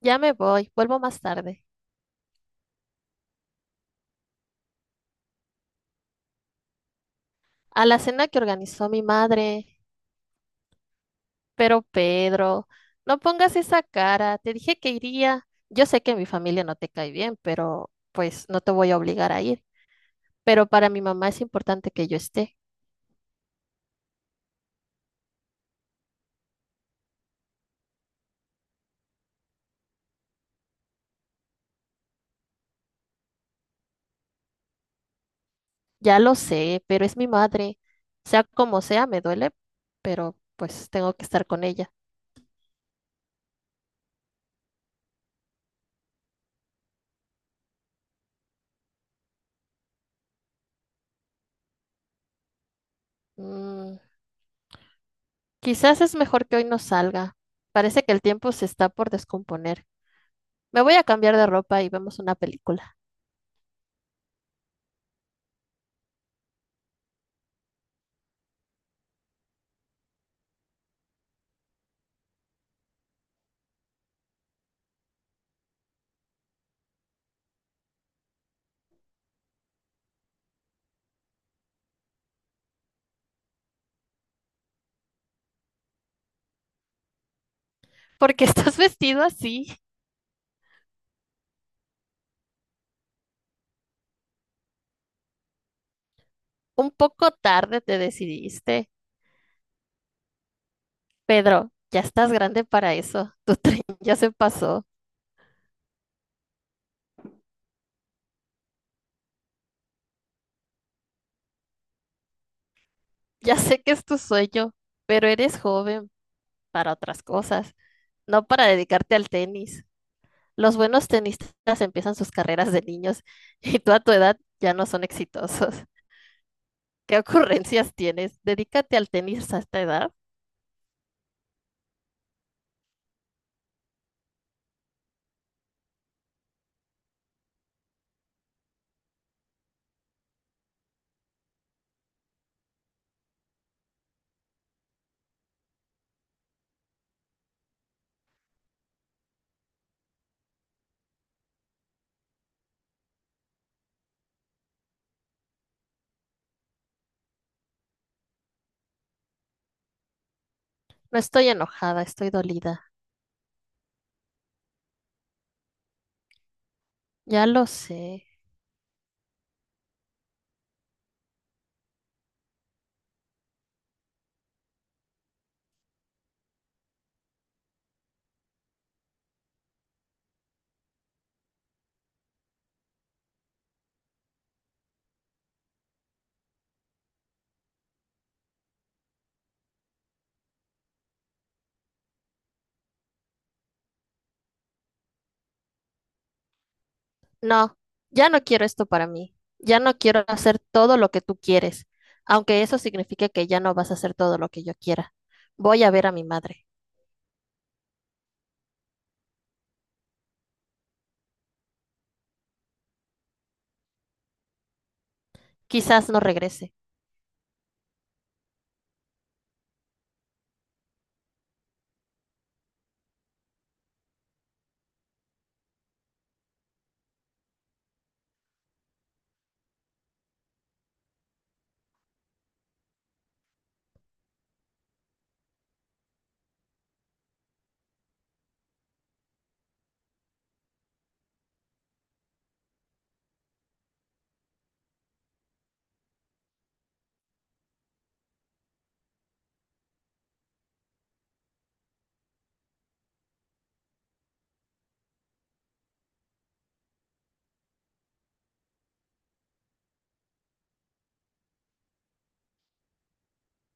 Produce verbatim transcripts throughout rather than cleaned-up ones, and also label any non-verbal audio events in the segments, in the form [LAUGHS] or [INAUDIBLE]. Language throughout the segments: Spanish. Ya me voy, vuelvo más tarde. A la cena que organizó mi madre. Pero Pedro, no pongas esa cara. Te dije que iría. Yo sé que mi familia no te cae bien, pero pues no te voy a obligar a ir. Pero para mi mamá es importante que yo esté. Ya lo sé, pero es mi madre. Sea como sea, me duele, pero pues tengo que estar con ella. Mm. Quizás es mejor que hoy no salga. Parece que el tiempo se está por descomponer. Me voy a cambiar de ropa y vemos una película. ¿Por qué estás [LAUGHS] vestido así? Un poco tarde te decidiste. Pedro, ya estás grande para eso. Tu tren [LAUGHS] ya se pasó. Ya sé que es tu sueño, pero eres joven para otras cosas, no para dedicarte al tenis. Los buenos tenistas empiezan sus carreras de niños [LAUGHS] y tú a tu edad ya no son exitosos. [LAUGHS] ¿Qué ocurrencias tienes? Dedícate al tenis a esta edad. No estoy enojada, estoy dolida. Ya lo sé. No, ya no quiero esto para mí. Ya no quiero hacer todo lo que tú quieres, aunque eso signifique que ya no vas a hacer todo lo que yo quiera. Voy a ver a mi madre. Quizás no regrese.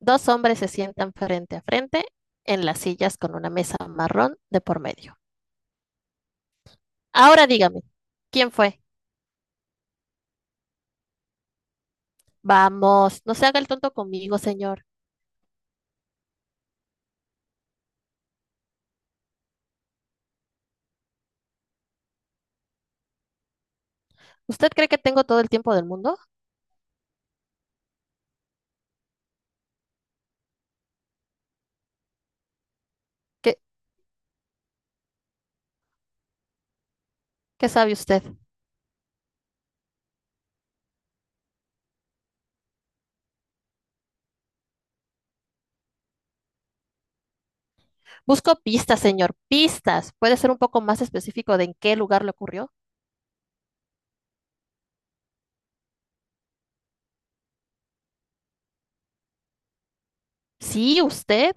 Dos hombres se sientan frente a frente en las sillas con una mesa marrón de por medio. Ahora dígame, ¿quién fue? Vamos, no se haga el tonto conmigo, señor. ¿Usted cree que tengo todo el tiempo del mundo? ¿Qué, qué sabe usted? Busco pistas, señor, pistas. ¿Puede ser un poco más específico de en qué lugar le ocurrió? Sí, usted,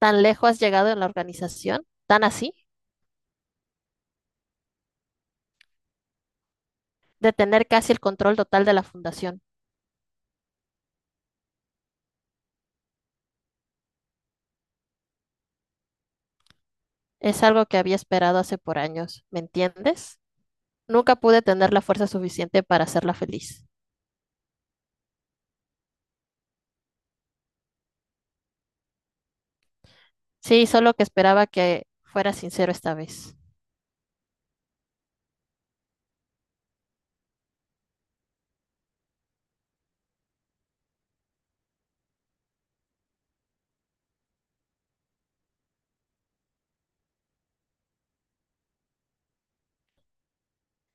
tan lejos has llegado en la organización, tan así, de tener casi el control total de la fundación. Es algo que había esperado hace por años, ¿me entiendes? Nunca pude tener la fuerza suficiente para hacerla feliz. Sí, solo que esperaba que fuera sincero esta vez.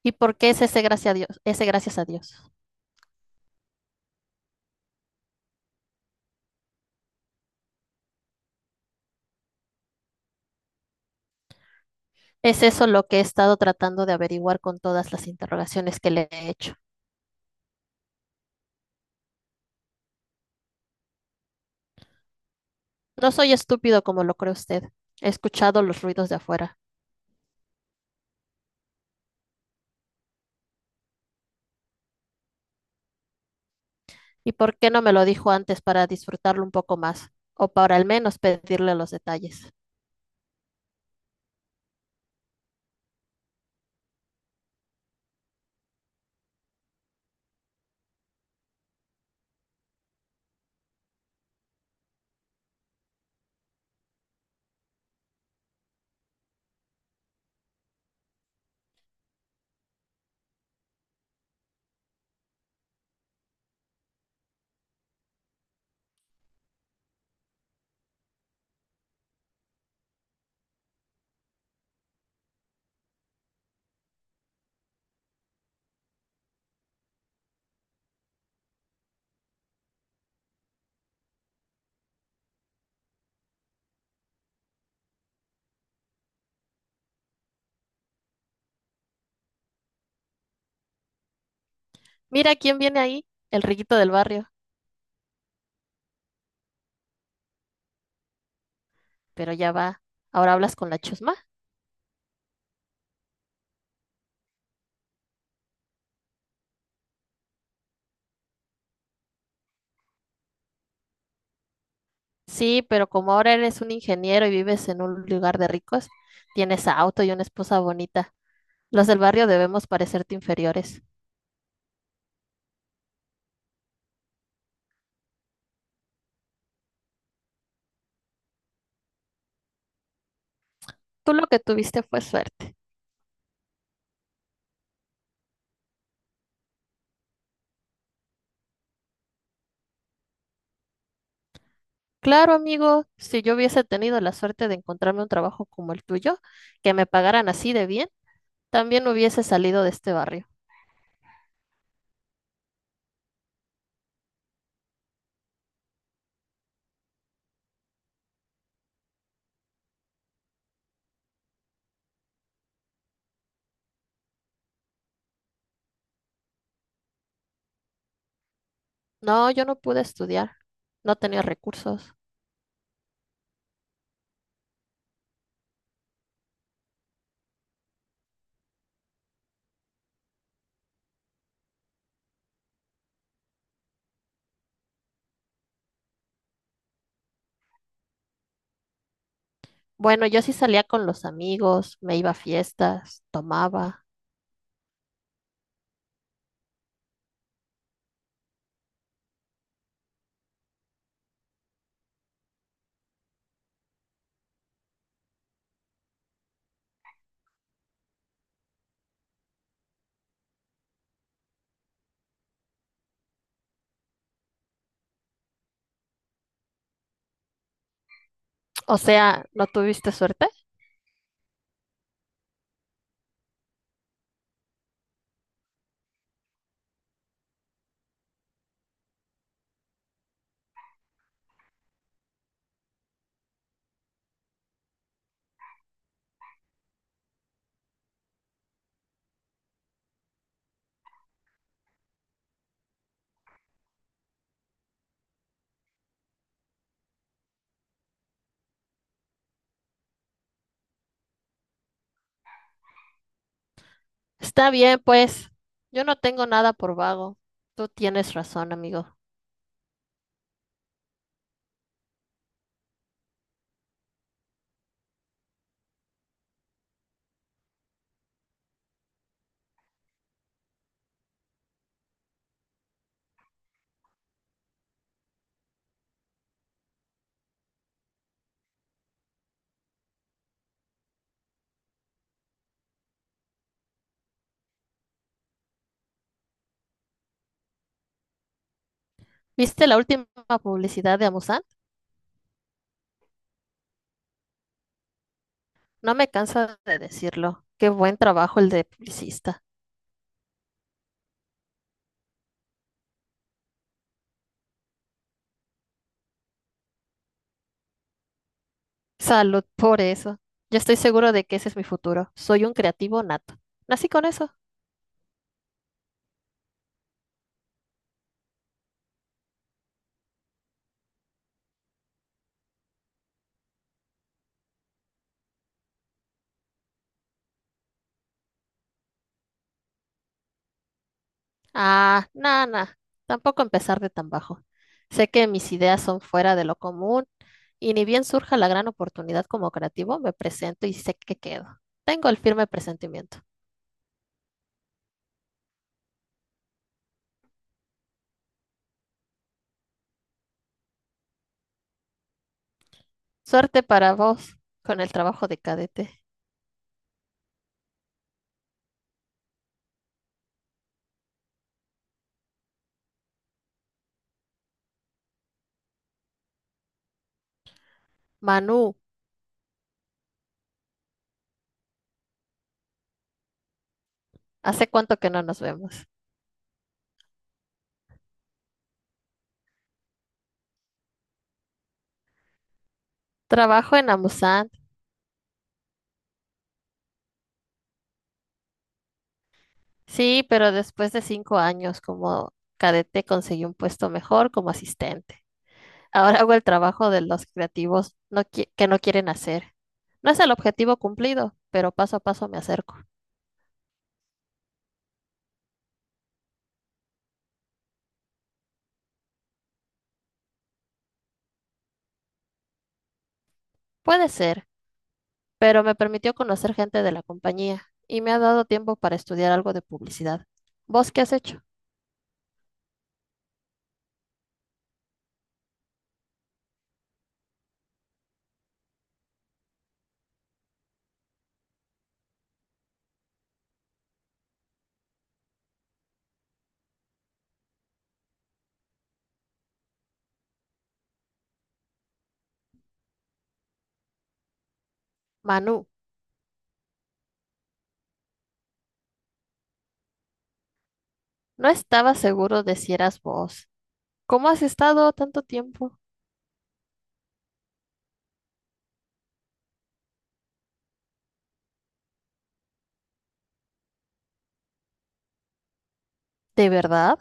¿Y por qué es ese gracias a Dios? Ese gracias a Dios. Es eso lo que he estado tratando de averiguar con todas las interrogaciones que le he hecho. No soy estúpido como lo cree usted. He escuchado los ruidos de afuera. ¿Y por qué no me lo dijo antes para disfrutarlo un poco más? O para al menos pedirle los detalles. Mira quién viene ahí, el riquito del barrio. Pero ya va. ¿Ahora hablas con la chusma? Sí, pero como ahora eres un ingeniero y vives en un lugar de ricos, tienes auto y una esposa bonita. Los del barrio debemos parecerte inferiores. Tú lo que tuviste fue suerte. Claro, amigo, si yo hubiese tenido la suerte de encontrarme un trabajo como el tuyo, que me pagaran así de bien, también hubiese salido de este barrio. No, yo no pude estudiar. No tenía recursos. Bueno, yo sí salía con los amigos, me iba a fiestas, tomaba. O sea, ¿no tuviste suerte? Está bien, pues. Yo no tengo nada por vago. Tú tienes razón, amigo. ¿Viste la última publicidad de Amusan? No me canso de decirlo. Qué buen trabajo el de publicista. Salud por eso. Yo estoy seguro de que ese es mi futuro. Soy un creativo nato. Nací con eso. Ah, nana. Tampoco empezar de tan bajo. Sé que mis ideas son fuera de lo común y ni bien surja la gran oportunidad como creativo, me presento y sé que quedo. Tengo el firme presentimiento. Suerte para vos con el trabajo de cadete. Manu, ¿hace cuánto que no nos vemos? Trabajo en Amusan. Sí, pero después de cinco años como cadete conseguí un puesto mejor como asistente. Ahora hago el trabajo de los creativos no qui- que no quieren hacer. No es el objetivo cumplido, pero paso a paso me acerco. Puede ser, pero me permitió conocer gente de la compañía y me ha dado tiempo para estudiar algo de publicidad. ¿Vos qué has hecho? Manu, no estaba seguro de si eras vos. ¿Cómo has estado tanto tiempo? ¿De verdad?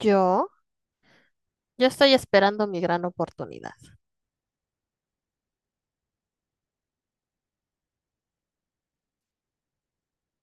¿Yo? Yo estoy esperando mi gran oportunidad.